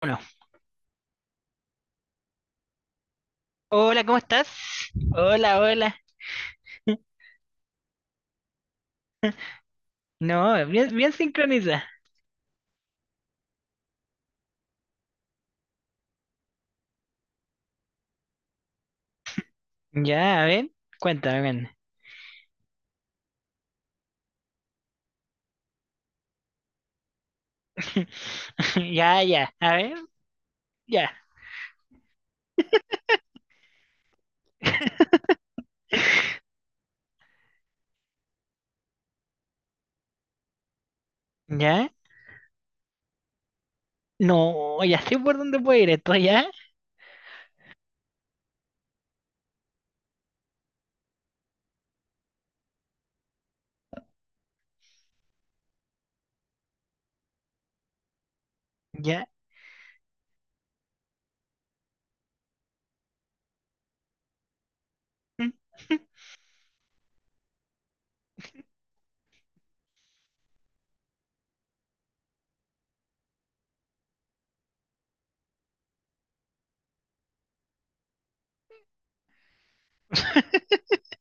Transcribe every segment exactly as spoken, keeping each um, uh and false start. Bueno, hola, ¿cómo estás? Hola, hola. No, bien, bien sincronizada. Ya, a ver, cuéntame, ven. Ya, ya, a ver, ya, ya. No, ya sé por dónde puede ir esto, ya, ya, mm,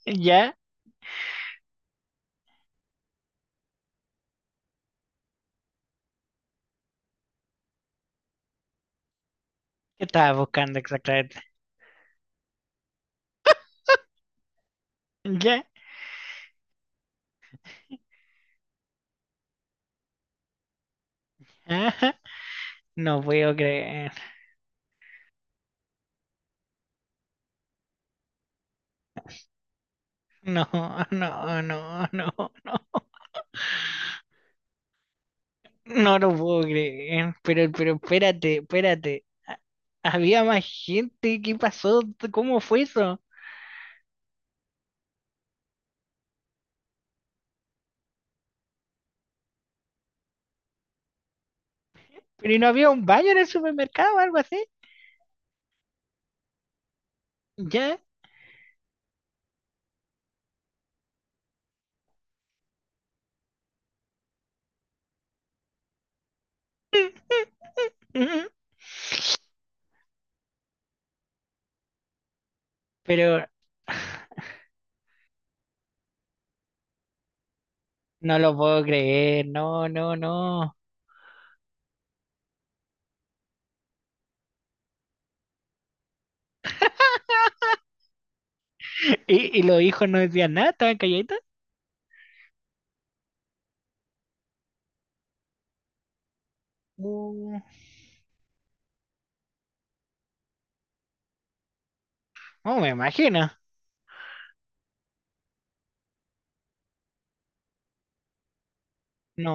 ya. ¿Qué estabas buscando exactamente? Ya, ajá. No puedo creer. No, no, no, no, no. No lo puedo creer. Pero, pero, espérate, espérate. Ha- Había más gente, ¿qué pasó? ¿Cómo fue eso? Pero ¿y no había un baño en el supermercado o algo así? Ya. Pero no lo puedo creer, no, no, no. ¿Y, y los hijos no decían nada? ¿Estaban calladitos? Uh, no, me imagino. No,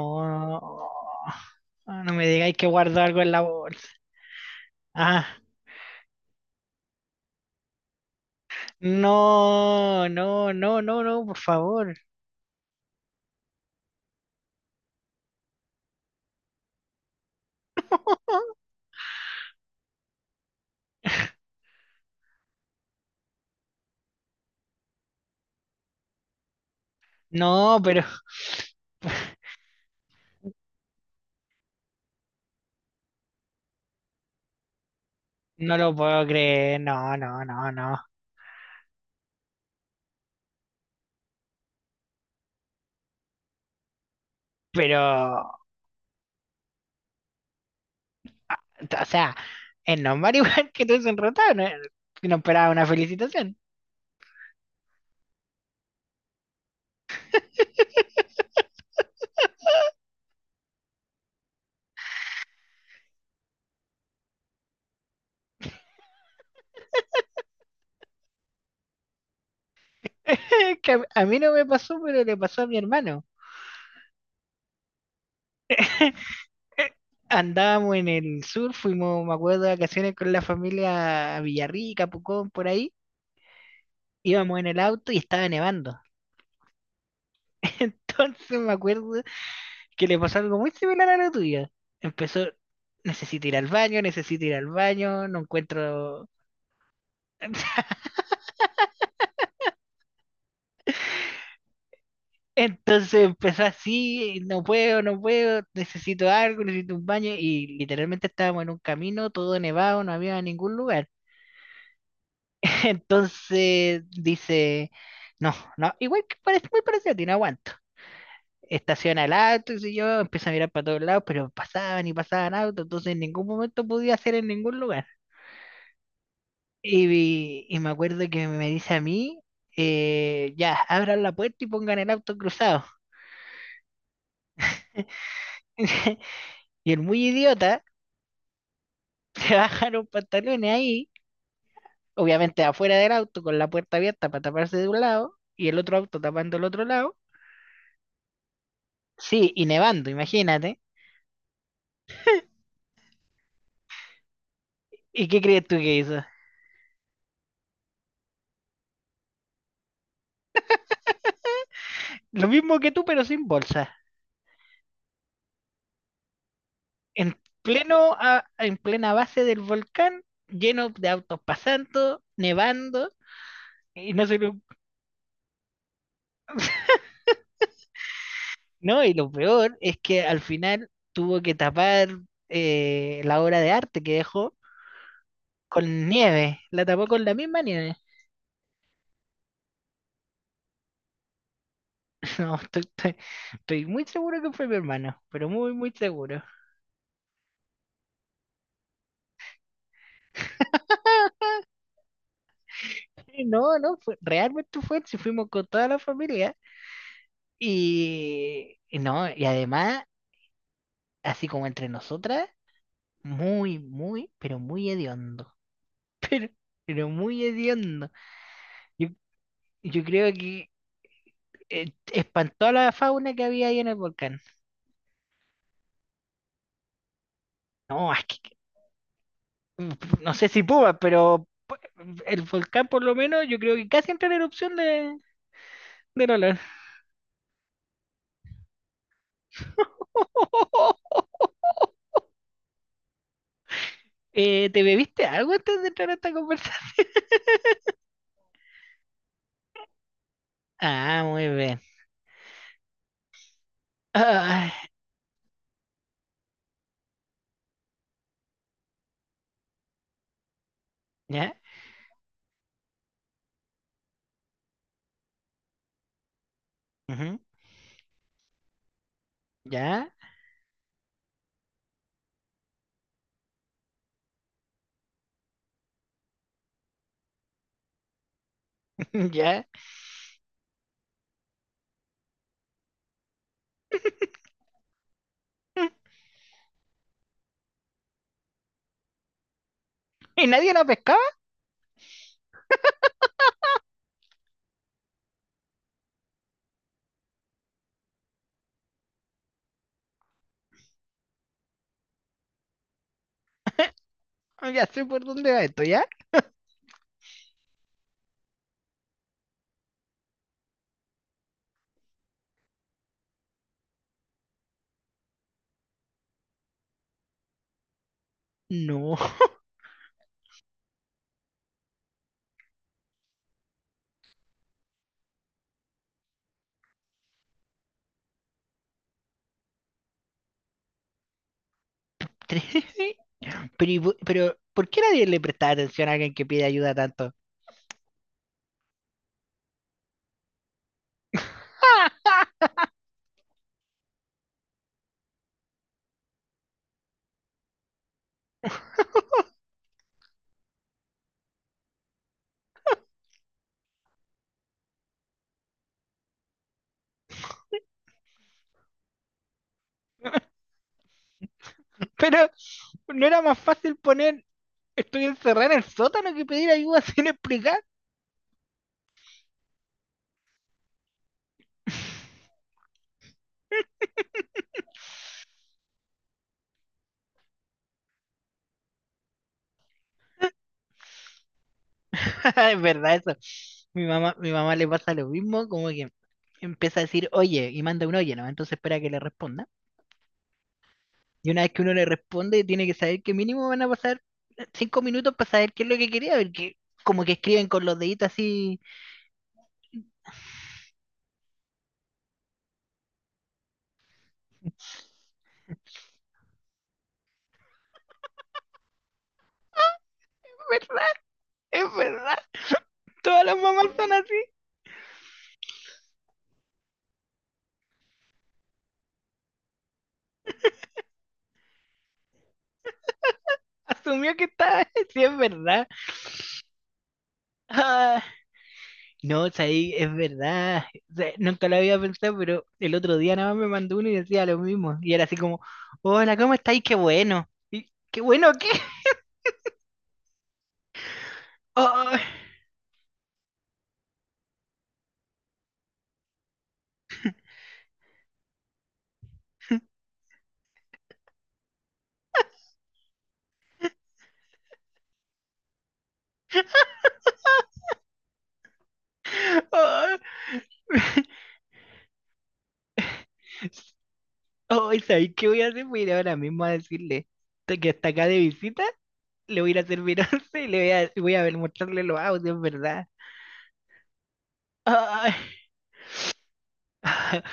ah, no me digáis que guardo algo en la bolsa. Ah, no, no, no, no, no, por favor. No, pero no lo puedo creer, no, no, no, no. Pero o sea, es normal igual que tú enrotado, no, no esperaba una felicitación. Que a, a mí no me pasó, pero le pasó a mi hermano. Andábamos en el sur, fuimos, me acuerdo, de vacaciones con la familia a Villarrica, Pucón, por ahí. Íbamos en el auto y estaba nevando. Entonces me acuerdo que le pasó algo muy similar a lo tuyo. Empezó, necesito ir al baño, necesito ir al baño, no encuentro. Entonces empezó así, no puedo, no puedo, necesito algo, necesito un baño y literalmente estábamos en un camino, todo nevado, no había ningún lugar. Entonces dice, no, no, igual que parece muy parecido a ti, no aguanto. Estaciona el auto, y yo empiezo a mirar para todos lados, pero pasaban y pasaban autos, entonces en ningún momento podía hacer en ningún lugar. Y vi- y me acuerdo que me dice a mí, eh, ya, abran la puerta y pongan el auto cruzado. Y el muy idiota se bajaron pantalones ahí, obviamente afuera del auto con la puerta abierta para taparse de un lado y el otro auto tapando el otro lado. Sí, y nevando, imagínate. ¿Y qué crees tú que hizo? Lo mismo que tú, pero sin bolsa. En pleno, a- en plena base del volcán, lleno de autos pasando, nevando, y no se lo- no, y lo peor es que al final tuvo que tapar eh, la obra de arte que dejó con nieve, la tapó con la misma nieve. No, estoy, estoy- estoy muy seguro que fue mi hermano, pero muy, muy seguro. Sí, no, no, fue- realmente fue, si fuimos con toda la familia. Y, y no, y además, así como entre nosotras, muy, muy, pero muy hediondo. Pero, pero muy hediondo. Yo, yo creo que eh, espantó a la fauna que había ahí en el volcán. No, es que, no sé si pumas, pero el volcán por lo menos yo creo que casi entra en erupción de, del olor. Eh, ¿te bebiste algo antes de entrar a esta conversación? Ah, muy bien. Ah, ya, ujú, ya, ya. ¿Y nadie la pescaba? Oh, ya sé por dónde va esto, ¿ya? No. Tres- Pero, ¿y po- pero, ¿por qué nadie le prestaba atención a alguien que pide ayuda tanto? Pero, ¿no era más fácil poner estoy encerrada en el sótano que pedir ayuda sin explicar? Es verdad eso. Mi mamá, mi mamá le pasa lo mismo, como que empieza a decir oye y manda un oye, ¿no? Entonces espera que le responda. Y una vez que uno le responde, tiene que saber que mínimo van a pasar cinco minutos para saber qué es lo que quería, porque como que escriben con los deditos así. Es verdad, es verdad. Todas las mamás son así. Asumió que está, sí, es verdad. Ah, no, o sea, ahí es verdad. O sea, nunca lo había pensado, pero el otro día nada más me mandó uno y decía lo mismo. Y era así como, hola, ¿cómo estáis? Qué bueno. Y ¿qué bueno qué? Oh, oh. Oh, ¿sabéis qué voy a hacer? Voy a ir ahora mismo a decirle "Estoy que está acá de visita", le voy a ir a servir once y le voy a, voy a ver, mostrarle los audios, ¿verdad? Ay.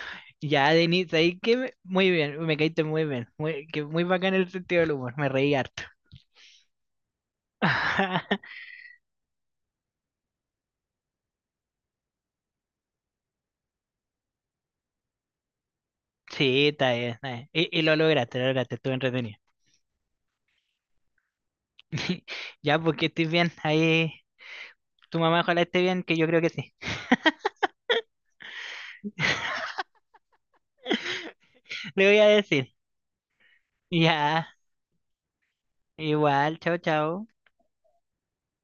Ya, Denis, ¿sabéis qué? Me- Muy bien, me caíste muy bien. Muy, que muy bacán el sentido del humor, me reí harto. Sí, está bien, está bien. Y, y lo lograste, lo lograste, estuve entretenido. Ya, porque estés bien, ahí tu mamá ojalá esté bien, que yo creo que sí. Le voy a decir. Ya, igual, chao, chao.